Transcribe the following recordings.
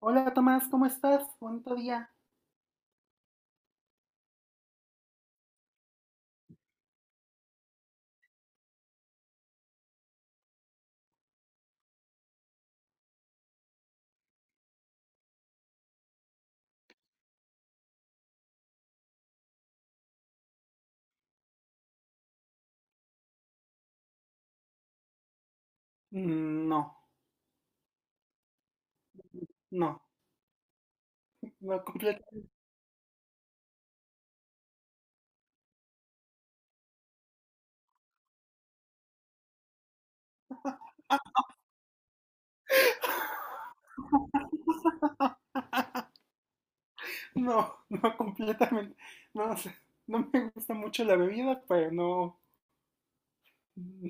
Hola Tomás, ¿cómo estás? Bonito día. Mm, no, no, no, completa, no, no completamente. No, o sea, no me gusta mucho la bebida, pero no,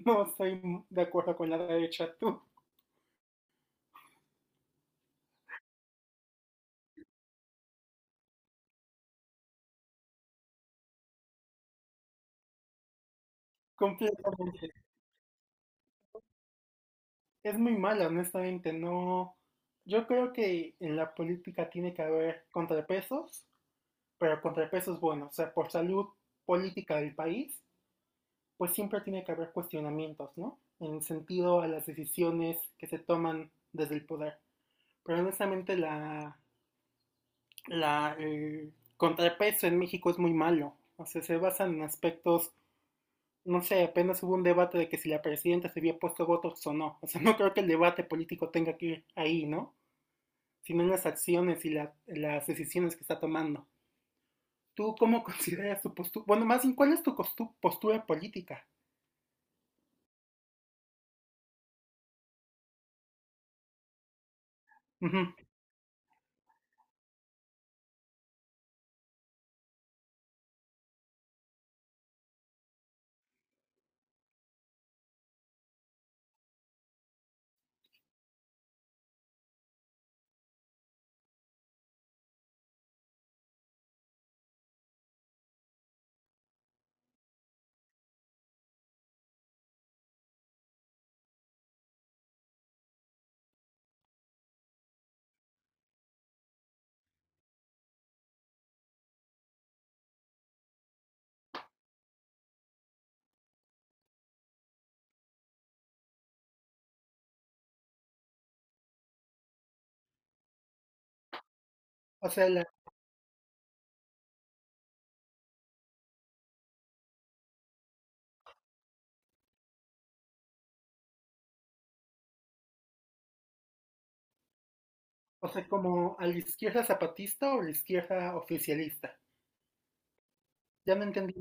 no estoy de acuerdo con la derecha. Tú, completamente. Es muy mala, honestamente. No, yo creo que en la política tiene que haber contrapesos, pero contrapesos buenos, o sea, por salud política del país pues siempre tiene que haber cuestionamientos, ¿no? En el sentido a las decisiones que se toman desde el poder. Pero honestamente el contrapeso en México es muy malo. O sea, se basan en aspectos, no sé, apenas hubo un debate de que si la presidenta se había puesto votos o no. O sea, no creo que el debate político tenga que ir ahí, ¿no? Sino en las acciones y la, las decisiones que está tomando. ¿Tú cómo consideras tu postura? Bueno, más bien, ¿cuál es tu postura política? Uh -huh. O sea, la, o sea, ¿como a la izquierda zapatista o a la izquierda oficialista? Ya me entendí.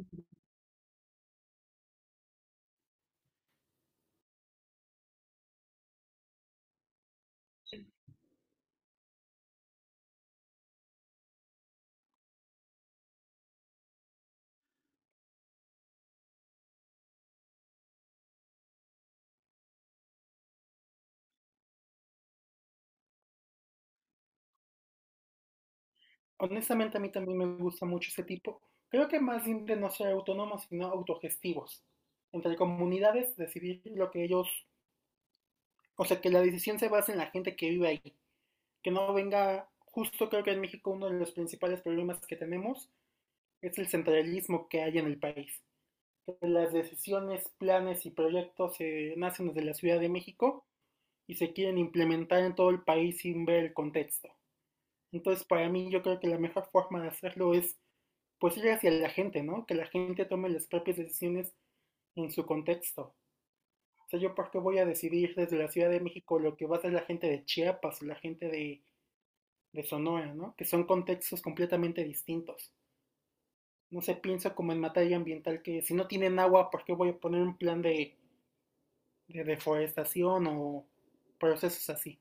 Honestamente, a mí también me gusta mucho ese tipo. Creo que más bien de no ser autónomos, sino autogestivos. Entre comunidades, decidir lo que ellos. O sea, que la decisión se base en la gente que vive ahí. Que no venga. Justo creo que en México uno de los principales problemas que tenemos es el centralismo que hay en el país. Las decisiones, planes y proyectos se nacen desde la Ciudad de México y se quieren implementar en todo el país sin ver el contexto. Entonces, para mí, yo creo que la mejor forma de hacerlo es, pues, ir hacia la gente, ¿no? Que la gente tome las propias decisiones en su contexto. O sea, yo por qué voy a decidir desde la Ciudad de México lo que va a hacer la gente de Chiapas o la gente de Sonora, ¿no? Que son contextos completamente distintos. No se piensa como en materia ambiental que si no tienen agua, ¿por qué voy a poner un plan de deforestación o procesos así?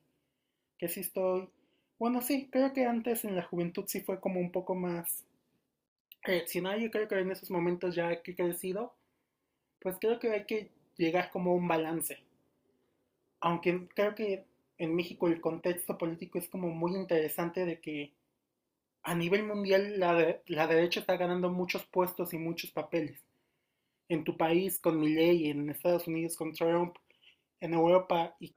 Que sí estoy. Bueno, sí, creo que antes en la juventud sí fue como un poco más reaccionario. Creo que en esos momentos ya que he crecido, pues creo que hay que llegar como a un balance. Aunque creo que en México el contexto político es como muy interesante de que a nivel mundial la, de- la derecha está ganando muchos puestos y muchos papeles. En tu país con Milei, en Estados Unidos con Trump, en Europa. Y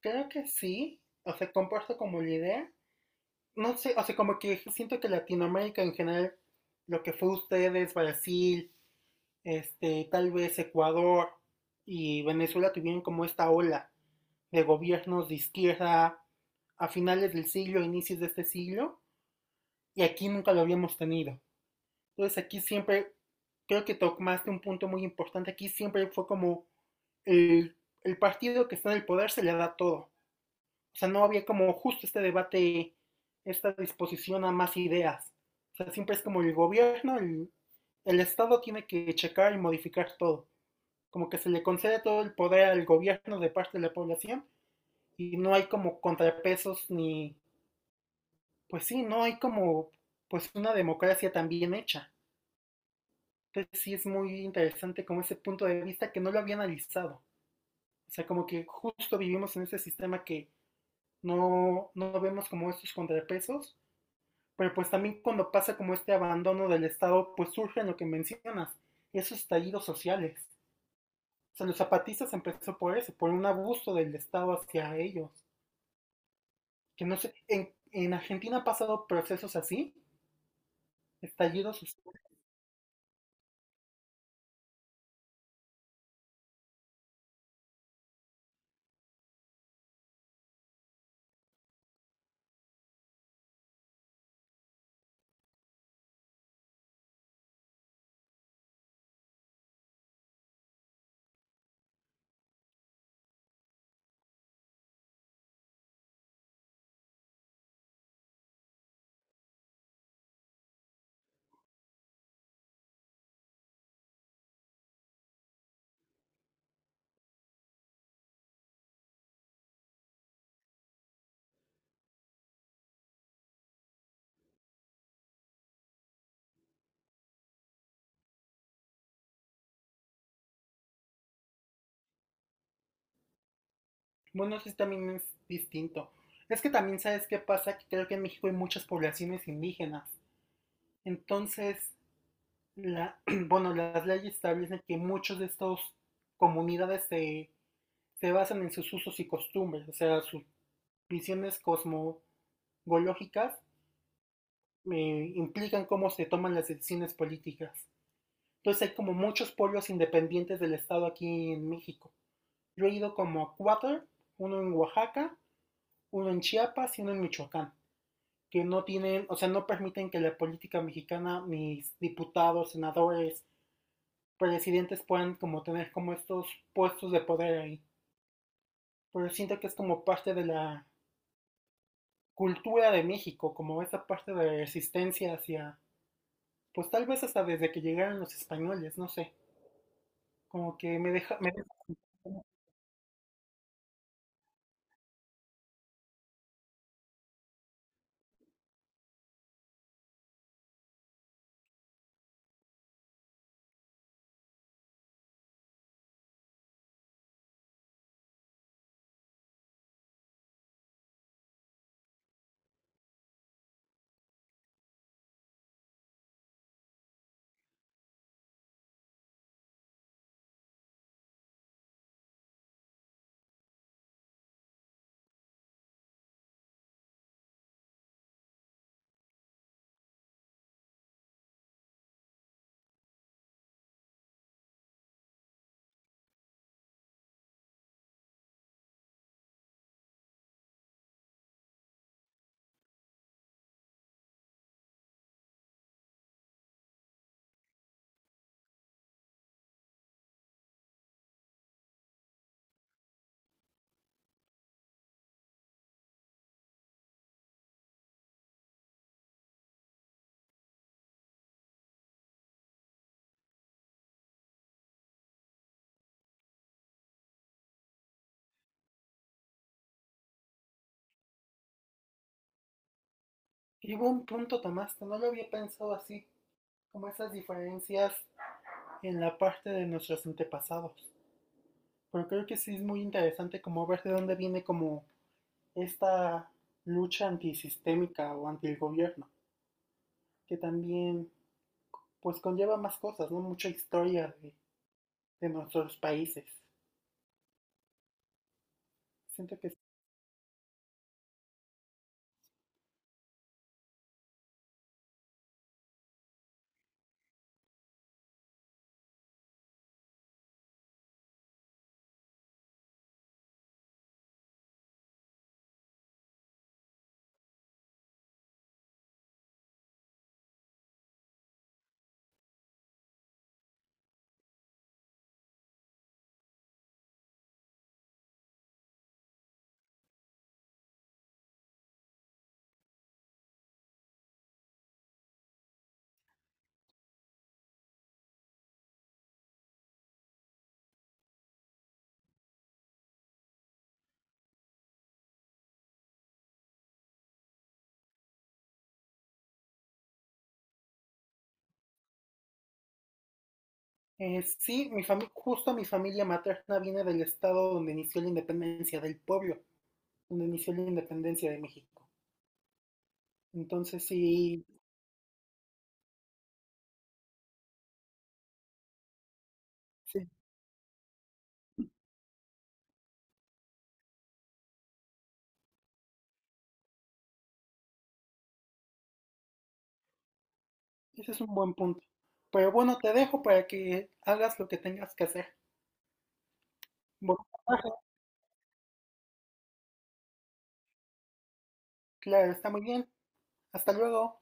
creo que sí, o sea, comparto como la idea, no sé, o sea, como que siento que Latinoamérica en general, lo que fue ustedes, Brasil, este, tal vez Ecuador y Venezuela tuvieron como esta ola de gobiernos de izquierda a finales del siglo, inicios de este siglo, y aquí nunca lo habíamos tenido. Entonces aquí siempre, creo que tocaste un punto muy importante, aquí siempre fue como el, el partido que está en el poder se le da todo. O sea, no había como justo este debate, esta disposición a más ideas. O sea, siempre es como el gobierno, el Estado tiene que checar y modificar todo. Como que se le concede todo el poder al gobierno de parte de la población y no hay como contrapesos ni, pues sí, no hay como pues una democracia tan bien hecha. Entonces sí es muy interesante como ese punto de vista que no lo había analizado. O sea, como que justo vivimos en ese sistema que no vemos como estos contrapesos, pero pues también cuando pasa como este abandono del Estado, pues surgen lo que mencionas, esos estallidos sociales. O sea, los zapatistas empezó por eso, por un abuso del Estado hacia ellos. Que no sé, en Argentina han pasado procesos así, estallidos sociales. Bueno, eso sí también es distinto. Es que también sabes qué pasa, que creo que en México hay muchas poblaciones indígenas. Entonces, la, bueno, las leyes establecen que muchos de estos comunidades se, se basan en sus usos y costumbres, o sea, sus visiones cosmogológicas implican cómo se toman las decisiones políticas. Entonces hay como muchos polos independientes del Estado aquí en México. Yo he ido como a cuatro, uno en Oaxaca, uno en Chiapas y uno en Michoacán, que no tienen, o sea, no permiten que la política mexicana, mis diputados, senadores, presidentes puedan como tener como estos puestos de poder ahí. Pero siento que es como parte de la cultura de México, como esa parte de resistencia hacia pues tal vez hasta desde que llegaron los españoles, no sé, como que me deja como- Y hubo un punto, Tomás, que no lo había pensado así, como esas diferencias en la parte de nuestros antepasados. Pero creo que sí es muy interesante como ver de dónde viene como esta lucha antisistémica o anti el gobierno, que también pues conlleva más cosas, ¿no? Mucha historia de nuestros países. Siento que sí, justo mi familia materna viene del estado donde inició la independencia, del pueblo donde inició la independencia de México. Entonces sí, sí, ese es un buen punto. Pero bueno, te dejo para que hagas lo que tengas que hacer. Bueno, claro, está muy bien. Hasta luego.